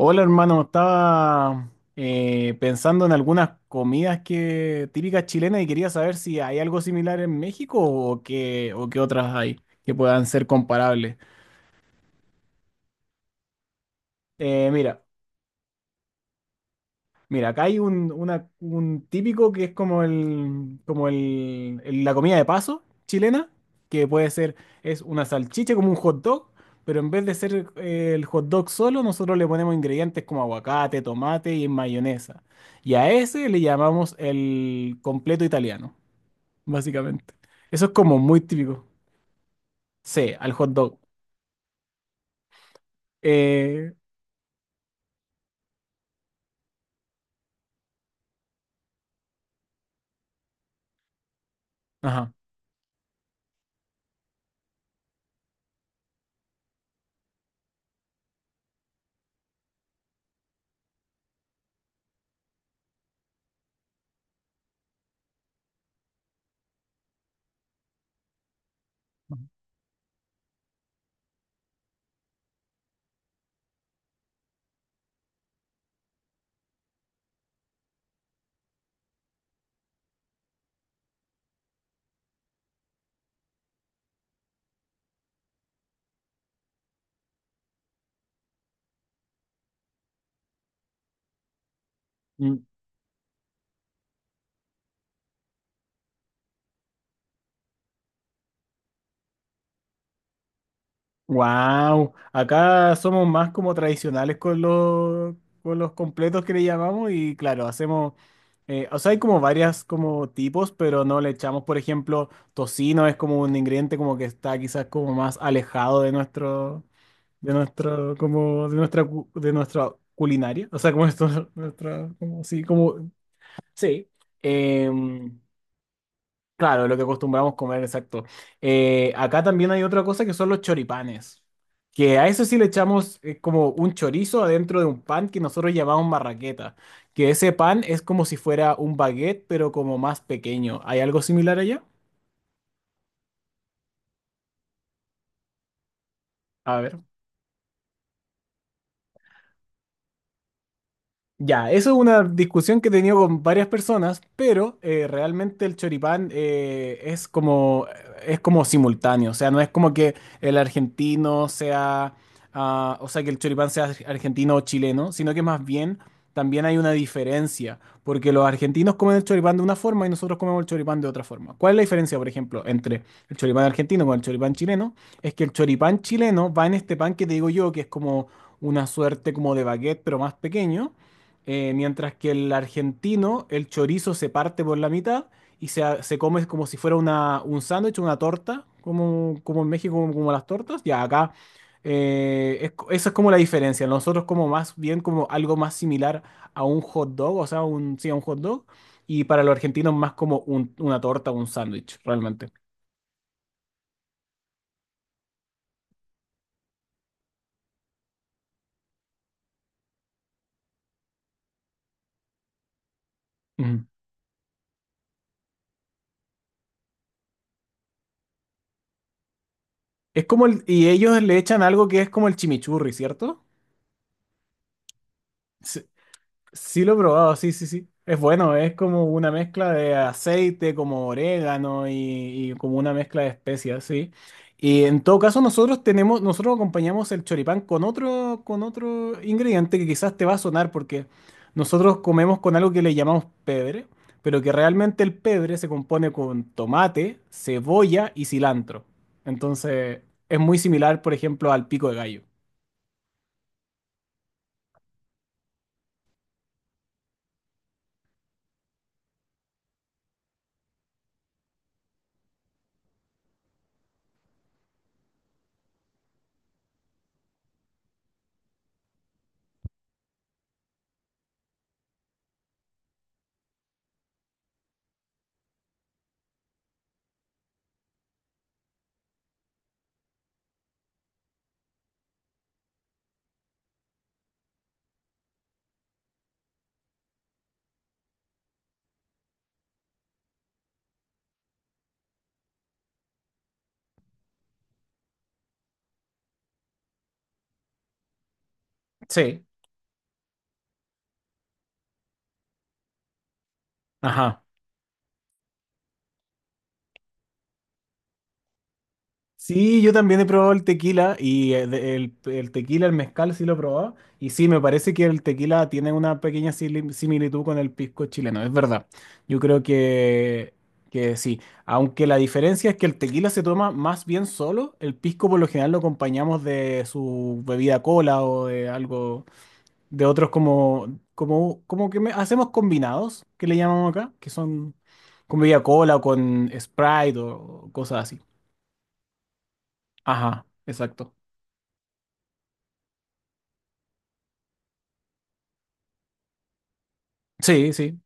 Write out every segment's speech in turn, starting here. Hola hermano, estaba pensando en algunas comidas que típicas chilenas y quería saber si hay algo similar en México o qué otras hay que puedan ser comparables. Eh, mira, Mira, acá hay un típico que es como la comida de paso chilena, que puede ser, es una salchicha como un hot dog, pero en vez de ser el hot dog solo, nosotros le ponemos ingredientes como aguacate, tomate y mayonesa. Y a ese le llamamos el completo italiano, básicamente. Eso es como muy típico. Sí, al hot dog. Eh, ajá. Wow, acá somos más como tradicionales con los completos que le llamamos y claro, hacemos, o sea, hay como varias como tipos, pero no le echamos, por ejemplo, tocino es como un ingrediente como que está quizás como más alejado de nuestro, como de nuestra, de nuestra culinaria, o sea, como esto, nuestra, como sí, como sí. em, Claro, lo que acostumbramos comer, exacto. Acá también hay otra cosa que son los choripanes, que a eso sí le echamos como un chorizo adentro de un pan que nosotros llamamos marraqueta, que ese pan es como si fuera un baguette, pero como más pequeño. ¿Hay algo similar allá? A ver. Ya, eso es una discusión que he tenido con varias personas, pero realmente el choripán es como simultáneo, o sea, no es como que el argentino sea, ah, o sea, que el choripán sea argentino o chileno, sino que más bien también hay una diferencia, porque los argentinos comen el choripán de una forma y nosotros comemos el choripán de otra forma. ¿Cuál es la diferencia, por ejemplo, entre el choripán argentino con el choripán chileno? Es que el choripán chileno va en este pan que te digo yo, que es como una suerte como de baguette, pero más pequeño mientras que el argentino, el chorizo se parte por la mitad y se, se come como si fuera una, un sándwich, una torta, como, como en México, como, como las tortas. Ya acá, es esa es como la diferencia. Nosotros como más bien como algo más similar a un hot dog, o sea, un, sí, a un hot dog. Y para los argentinos más como una torta, un sándwich, realmente. Ujú. Es como y ellos le echan algo que es como el chimichurri, ¿cierto? Sí. Sí lo he probado, sí, sí, sí. Es bueno, es como una mezcla de aceite, como orégano y como una mezcla de especias, sí. Y en todo caso nosotros tenemos, nosotros acompañamos el choripán con otro ingrediente que quizás te va a sonar porque nosotros comemos con algo que le llamamos pebre, pero que realmente el pebre se compone con tomate, cebolla y cilantro. Entonces es muy similar, por ejemplo, al pico de gallo. Sí. Ajá. Sí, yo también he probado el tequila y el tequila, el mezcal sí lo he probado. Y sí, me parece que el tequila tiene una pequeña similitud con el pisco chileno, es verdad. Yo creo que sí. Aunque la diferencia es que el tequila se toma más bien solo, el pisco por lo general lo acompañamos de su bebida cola o de algo, de otros como, como, como que hacemos combinados, que le llamamos acá, que son con bebida cola o con Sprite o cosas así. Ajá, exacto. Sí, sí.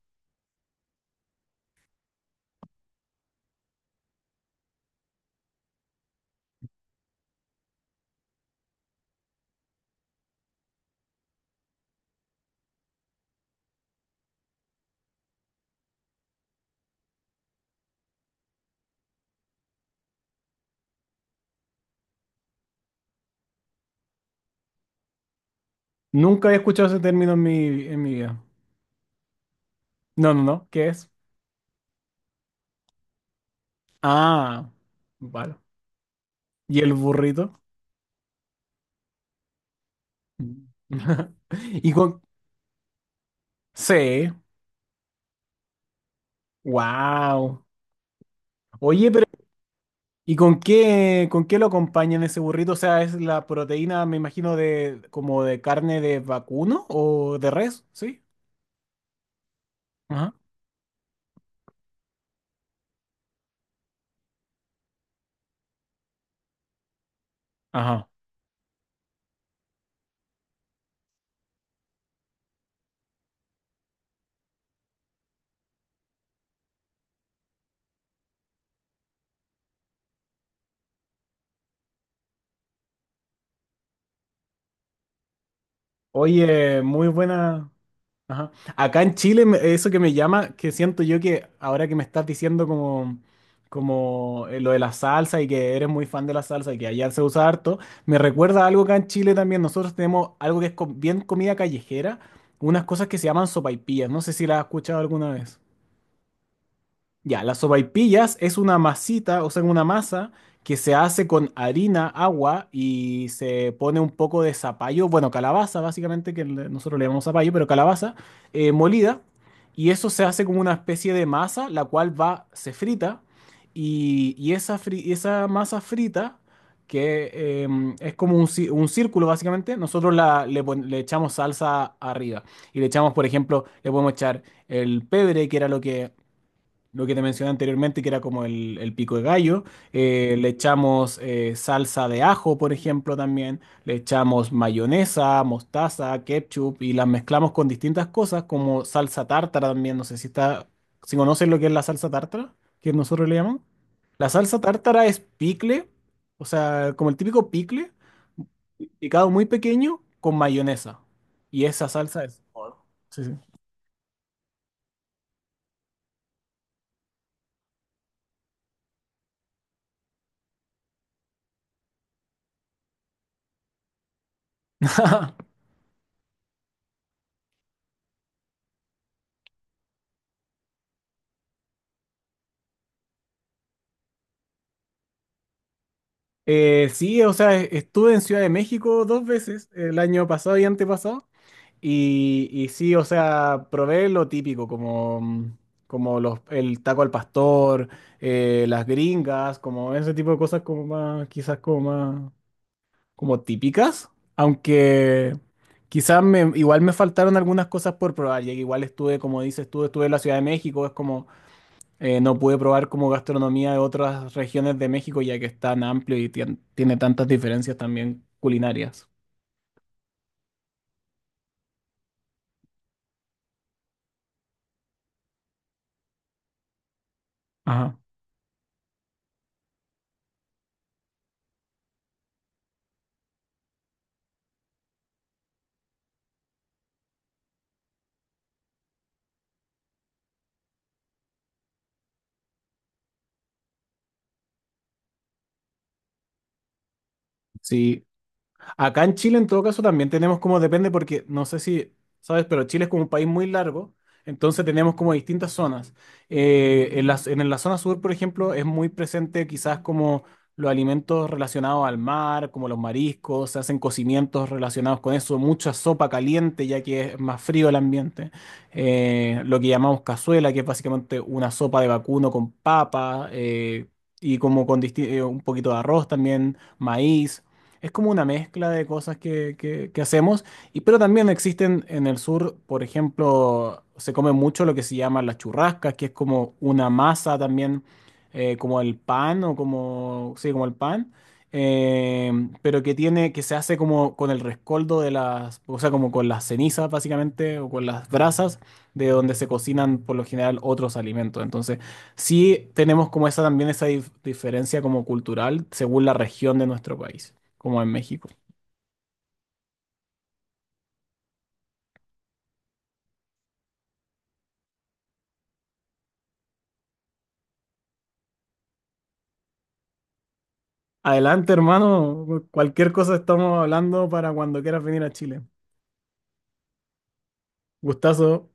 Nunca he escuchado ese término en mi vida. No, no, no. ¿Qué es? Ah, vale. ¿Y el burrito? Mm. Y con... Sí. Wow. Oye, pero ¿y con qué lo acompañan ese burrito? O sea, es la proteína, me imagino, de como de carne de vacuno o de res, ¿sí? Ajá. Ajá. Oye, muy buena. Ajá. Acá en Chile, eso que me llama, que siento yo que ahora que me estás diciendo como, como lo de la salsa y que eres muy fan de la salsa y que allá se usa harto, me recuerda a algo acá en Chile también. Nosotros tenemos algo que es bien comida callejera, unas cosas que se llaman sopaipillas. No sé si las has escuchado alguna vez. Ya, las sopaipillas es una masita, o sea, una masa que se hace con harina, agua y se pone un poco de zapallo, bueno, calabaza básicamente, que nosotros le llamamos zapallo, pero calabaza molida. Y eso se hace como una especie de masa, la cual va, se frita. Y esa, y esa masa frita, que es como un, un círculo básicamente, nosotros la, le, le echamos salsa arriba. Y le echamos, por ejemplo, le podemos echar el pebre, que era lo que te mencioné anteriormente, que era como el pico de gallo. Le echamos salsa de ajo, por ejemplo, también. Le echamos mayonesa, mostaza, ketchup y las mezclamos con distintas cosas, como salsa tártara también. No sé si está, si conocen lo que es la salsa tártara, que nosotros le llamamos. La salsa tártara es picle, o sea, como el típico picle, picado muy pequeño con mayonesa. Y esa salsa es... sí, sí. Estuve en Ciudad de México dos veces, el año pasado y antepasado, y sí, o sea, probé lo típico, como, como los, el taco al pastor, las gringas, como ese tipo de cosas como más, quizás como más, como típicas, aunque quizás me, igual me faltaron algunas cosas por probar, ya que igual estuve, como dices, estuve, estuve en la Ciudad de México, es como... no pude probar como gastronomía de otras regiones de México, ya que es tan amplio y tiene tantas diferencias también culinarias. Ajá. Sí, acá en Chile, en todo caso, también tenemos como depende, porque no sé si sabes, pero Chile es como un país muy largo, entonces tenemos como distintas zonas. En la zona sur, por ejemplo, es muy presente quizás como los alimentos relacionados al mar, como los mariscos, se hacen cocimientos relacionados con eso, mucha sopa caliente, ya que es más frío el ambiente. Lo que llamamos cazuela, que es básicamente una sopa de vacuno con papa, y como con un poquito de arroz también, maíz. Es como una mezcla de cosas que, que hacemos, y, pero también existen en el sur, por ejemplo, se come mucho lo que se llama las churrascas, que es como una masa también, como el pan o como, sí, como el pan, eh, pero que tiene, que se hace como con el rescoldo de las, o sea, como con las cenizas básicamente, o con las brasas de donde se cocinan por lo general otros alimentos. Entonces, sí tenemos como esa también esa diferencia como cultural según la región de nuestro país como en México. Adelante, hermano. Cualquier cosa estamos hablando para cuando quieras venir a Chile. Gustazo.